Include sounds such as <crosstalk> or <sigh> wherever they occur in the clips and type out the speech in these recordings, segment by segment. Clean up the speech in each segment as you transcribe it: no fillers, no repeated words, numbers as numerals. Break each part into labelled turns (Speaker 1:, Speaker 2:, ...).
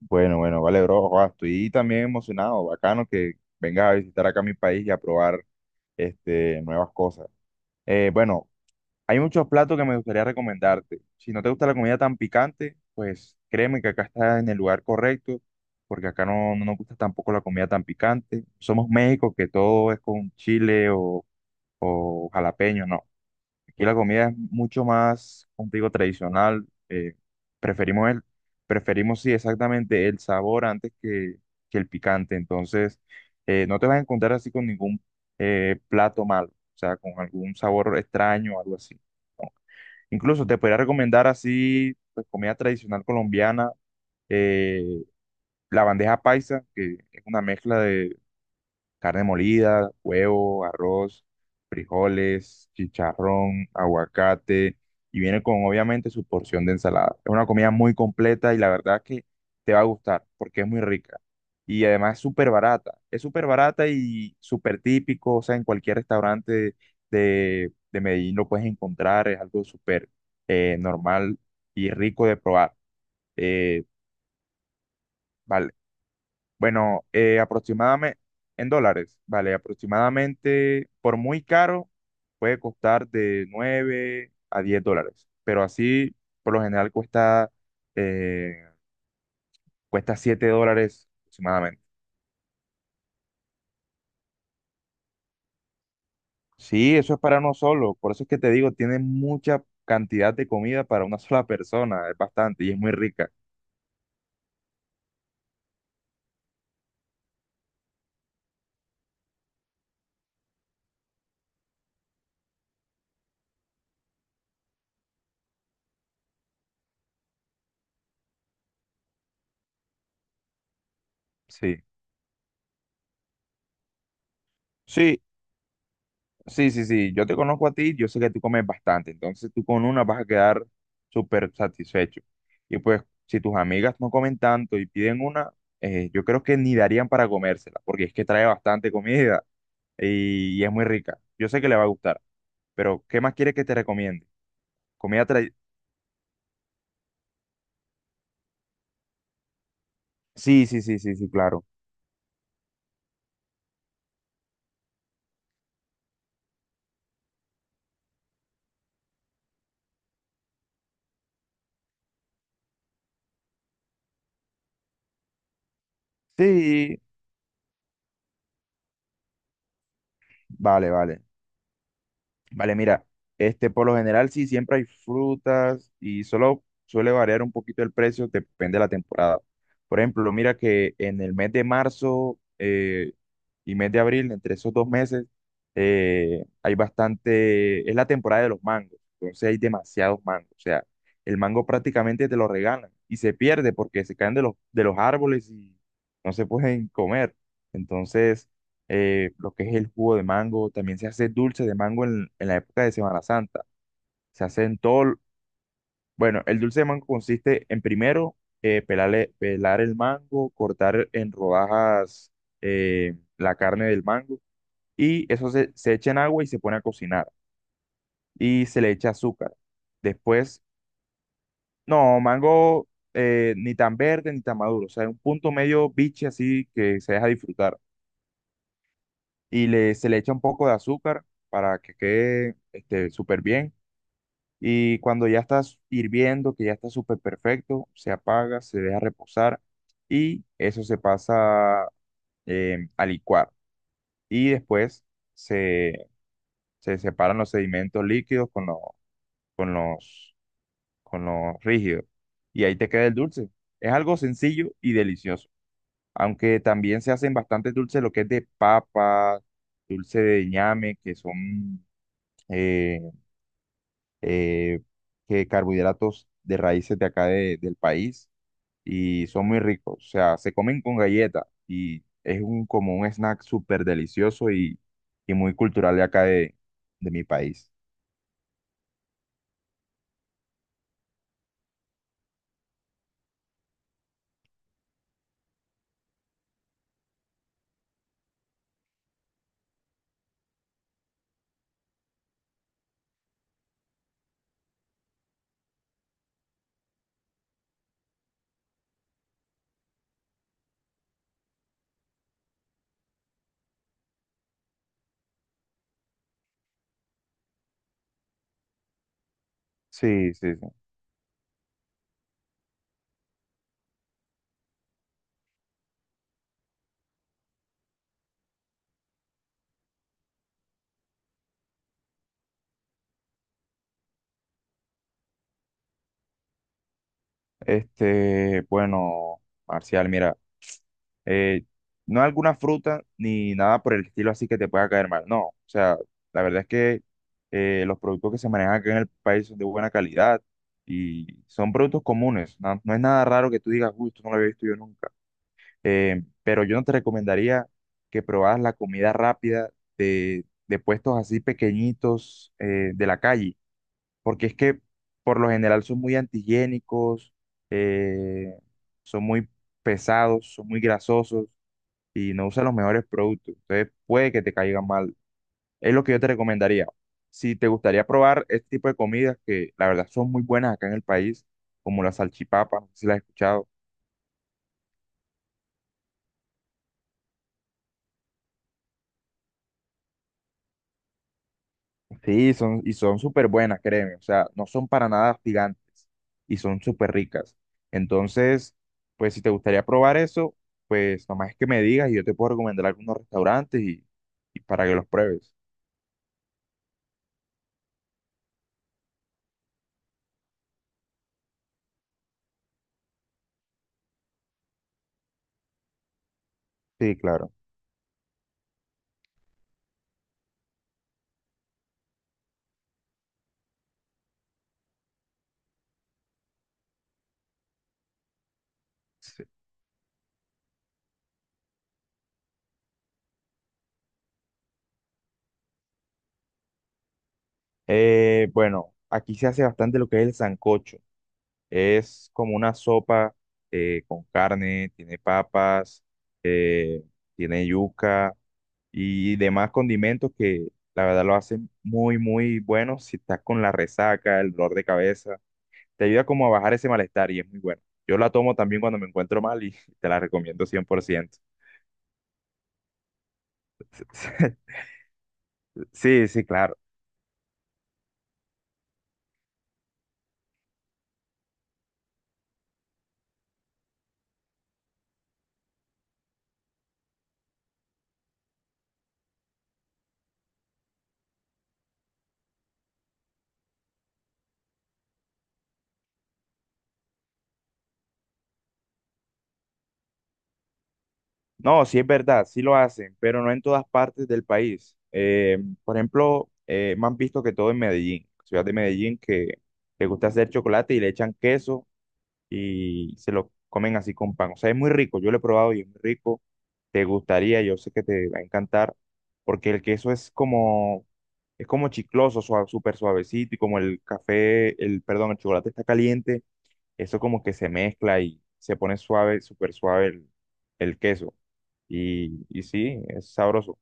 Speaker 1: Bueno, bueno, vale, bro. Joa, estoy también emocionado, bacano que vengas a visitar acá mi país y a probar nuevas cosas. Bueno, hay muchos platos que me gustaría recomendarte. Si no te gusta la comida tan picante, pues créeme que acá estás en el lugar correcto, porque acá no nos gusta tampoco la comida tan picante. Somos México, que todo es con chile o jalapeño, ¿no? Aquí la comida es mucho más, como te digo, tradicional. Preferimos el, preferimos, sí, exactamente el sabor antes que el picante. Entonces, no te vas a encontrar así con ningún plato malo, o sea, con algún sabor extraño o algo así. ¿No? Incluso te podría recomendar así, pues, comida tradicional colombiana, eh, la bandeja paisa, que es una mezcla de carne molida, huevo, arroz, frijoles, chicharrón, aguacate y viene con obviamente su porción de ensalada. Es una comida muy completa y la verdad que te va a gustar porque es muy rica y además es súper barata. Es súper barata y súper típico, o sea, en cualquier restaurante de Medellín lo puedes encontrar, es algo súper normal y rico de probar. Eh, val- bueno, aproximadamente en dólares, vale, aproximadamente por muy caro puede costar de $9 a $10, pero así por lo general eh, cuesta $7 aproximadamente. Sí, eso es para uno solo, por eso es que te digo, tiene mucha cantidad de comida para una sola persona, es bastante y es muy rica. Sí. Sí, sí, yo te conozco a ti, yo sé que tú comes bastante, entonces tú con una vas a quedar súper satisfecho. Y pues si tus amigas no comen tanto y piden una, yo creo que ni darían para comérsela, porque es que trae bastante comida y es muy rica. Yo sé que le va a gustar, pero ¿qué más quieres que te recomiende? Comida tra... Sí, sí, sí, sí, sí, claro. Sí, vale, vale. Vale, mira, este por lo general sí siempre hay frutas y solo suele variar un poquito el precio, depende de la temporada. Por ejemplo, mira que en el mes de marzo, y mes de abril, entre esos dos meses, hay bastante, es la temporada de los mangos, entonces hay demasiados mangos, o sea, el mango prácticamente te lo regalan y se pierde porque se caen de de los árboles y no se pueden comer. Entonces, lo que es el jugo de mango, también se hace dulce de mango en la época de Semana Santa, se hace en todo, bueno, el dulce de mango consiste en primero... pelar el mango, cortar en rodajas la carne del mango y se echa en agua y se pone a cocinar y se le echa azúcar. Después, no, mango ni tan verde ni tan maduro, o sea, un punto medio biche así que se deja disfrutar y se le echa un poco de azúcar para que quede súper bien y cuando ya está hirviendo, que ya está súper perfecto, se apaga, se deja reposar y eso se pasa a licuar y después se, se separan los sedimentos líquidos con los con lo rígido. Y ahí te queda el dulce. Es algo sencillo y delicioso. Aunque también se hacen bastantes dulces, lo que es de papa, dulce de ñame, que son eh, eh, que carbohidratos de raíces de acá del país y son muy ricos. O sea, se comen con galleta y es un, como un snack súper delicioso y muy cultural de acá de mi país. Sí, sí, sí. Este, bueno, Marcial, mira. eh, no alguna fruta ni nada por el estilo así que te pueda caer mal. No, o sea, la verdad es que los productos que se manejan acá en el país son de buena calidad y son productos comunes. No, no es nada raro que tú digas, uy, esto no lo había visto yo nunca. Pero yo no te recomendaría que probaras la comida rápida de puestos así pequeñitos de la calle, porque es que por lo general son muy antihigiénicos, eh, son muy pesados, son muy grasosos y no usa los mejores productos. Entonces puede que te caigan mal. Es lo que yo te recomendaría. Si te gustaría probar este tipo de comidas que la verdad son muy buenas acá en el país, como las salchipapas no sé si las has escuchado. Sí, son, y son súper buenas, créeme. O sea, no son para nada gigantes y son súper ricas. Entonces, pues si te gustaría probar eso, pues nomás es que me digas y yo te puedo recomendar algunos restaurantes y para que los pruebes. Sí, claro. Sí. Bueno, aquí se hace bastante lo que es el sancocho. Es como una sopa con carne, tiene papas, eh, tiene yuca y demás condimentos que la verdad lo hacen muy, muy bueno si estás con la resaca, el dolor de cabeza. Te ayuda como a bajar ese malestar y es muy bueno. Yo la tomo también cuando me encuentro mal y <laughs> te la recomiendo 100% <laughs> Sí, sí, claro. No, sí es verdad, sí lo hacen, pero no en todas partes del país. Por ejemplo, me han visto que todo en Medellín, ciudad de Medellín, que le gusta hacer chocolate y le echan queso y se lo comen así con pan. O sea, es muy rico, yo lo he probado y es muy rico. Te gustaría, yo sé que te va a encantar, porque el queso es como chicloso, suave, súper suavecito y como perdón, el chocolate está caliente, eso como que se mezcla y se pone suave, súper suave el queso. Y sí, es sabroso.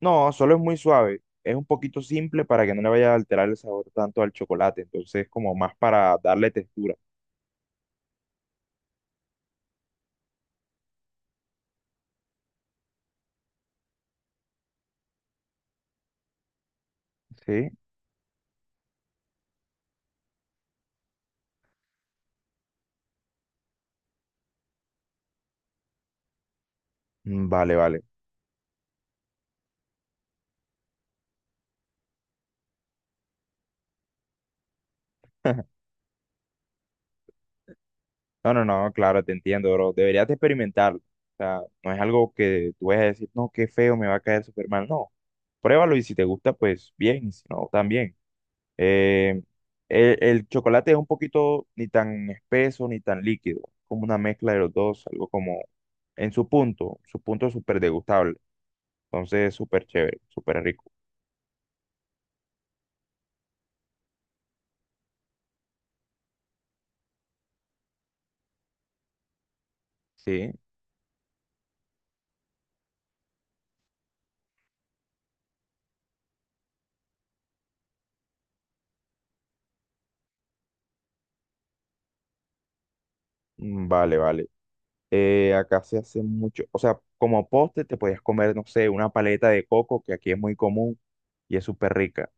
Speaker 1: No, solo es muy suave. Es un poquito simple para que no le vaya a alterar el sabor tanto al chocolate. Entonces, como más para darle textura. Sí. Mm, vale, vale. No, no, no, claro, te entiendo, bro. Deberías de experimentarlo. O sea, no es algo que tú vayas a decir, no, qué feo, me va a caer súper mal. No. Pruébalo y si te gusta, pues bien. Y si no, también. Eh, el chocolate es un poquito ni tan espeso ni tan líquido, como una mezcla de los dos, algo como en su punto es súper degustable, entonces súper chévere, súper rico. Sí, mm, vale, vale. Acá se hace mucho, o sea, como postre te podías comer, no sé, una paleta de coco, que aquí es muy común y es súper rica.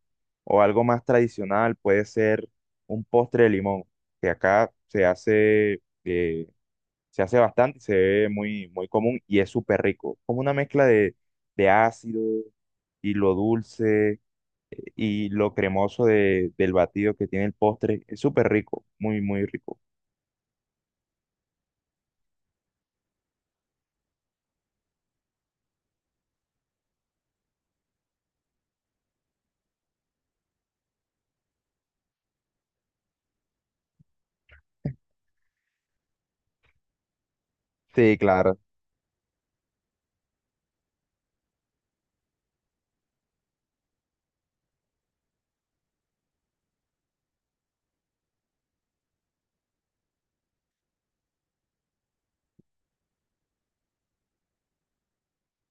Speaker 1: O algo más tradicional puede ser un postre de limón, que acá se hace, se hace bastante, se ve muy, muy común y es súper rico. Como una mezcla de ácido y lo dulce y lo cremoso del batido que tiene el postre. Es súper rico, muy, muy rico. Sí, claro.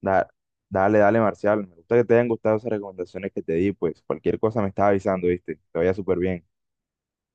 Speaker 1: Da- dale, dale, Marcial. Me gusta que te hayan gustado esas recomendaciones que te di. Pues cualquier cosa me estás avisando, ¿viste? Te vaya súper bien.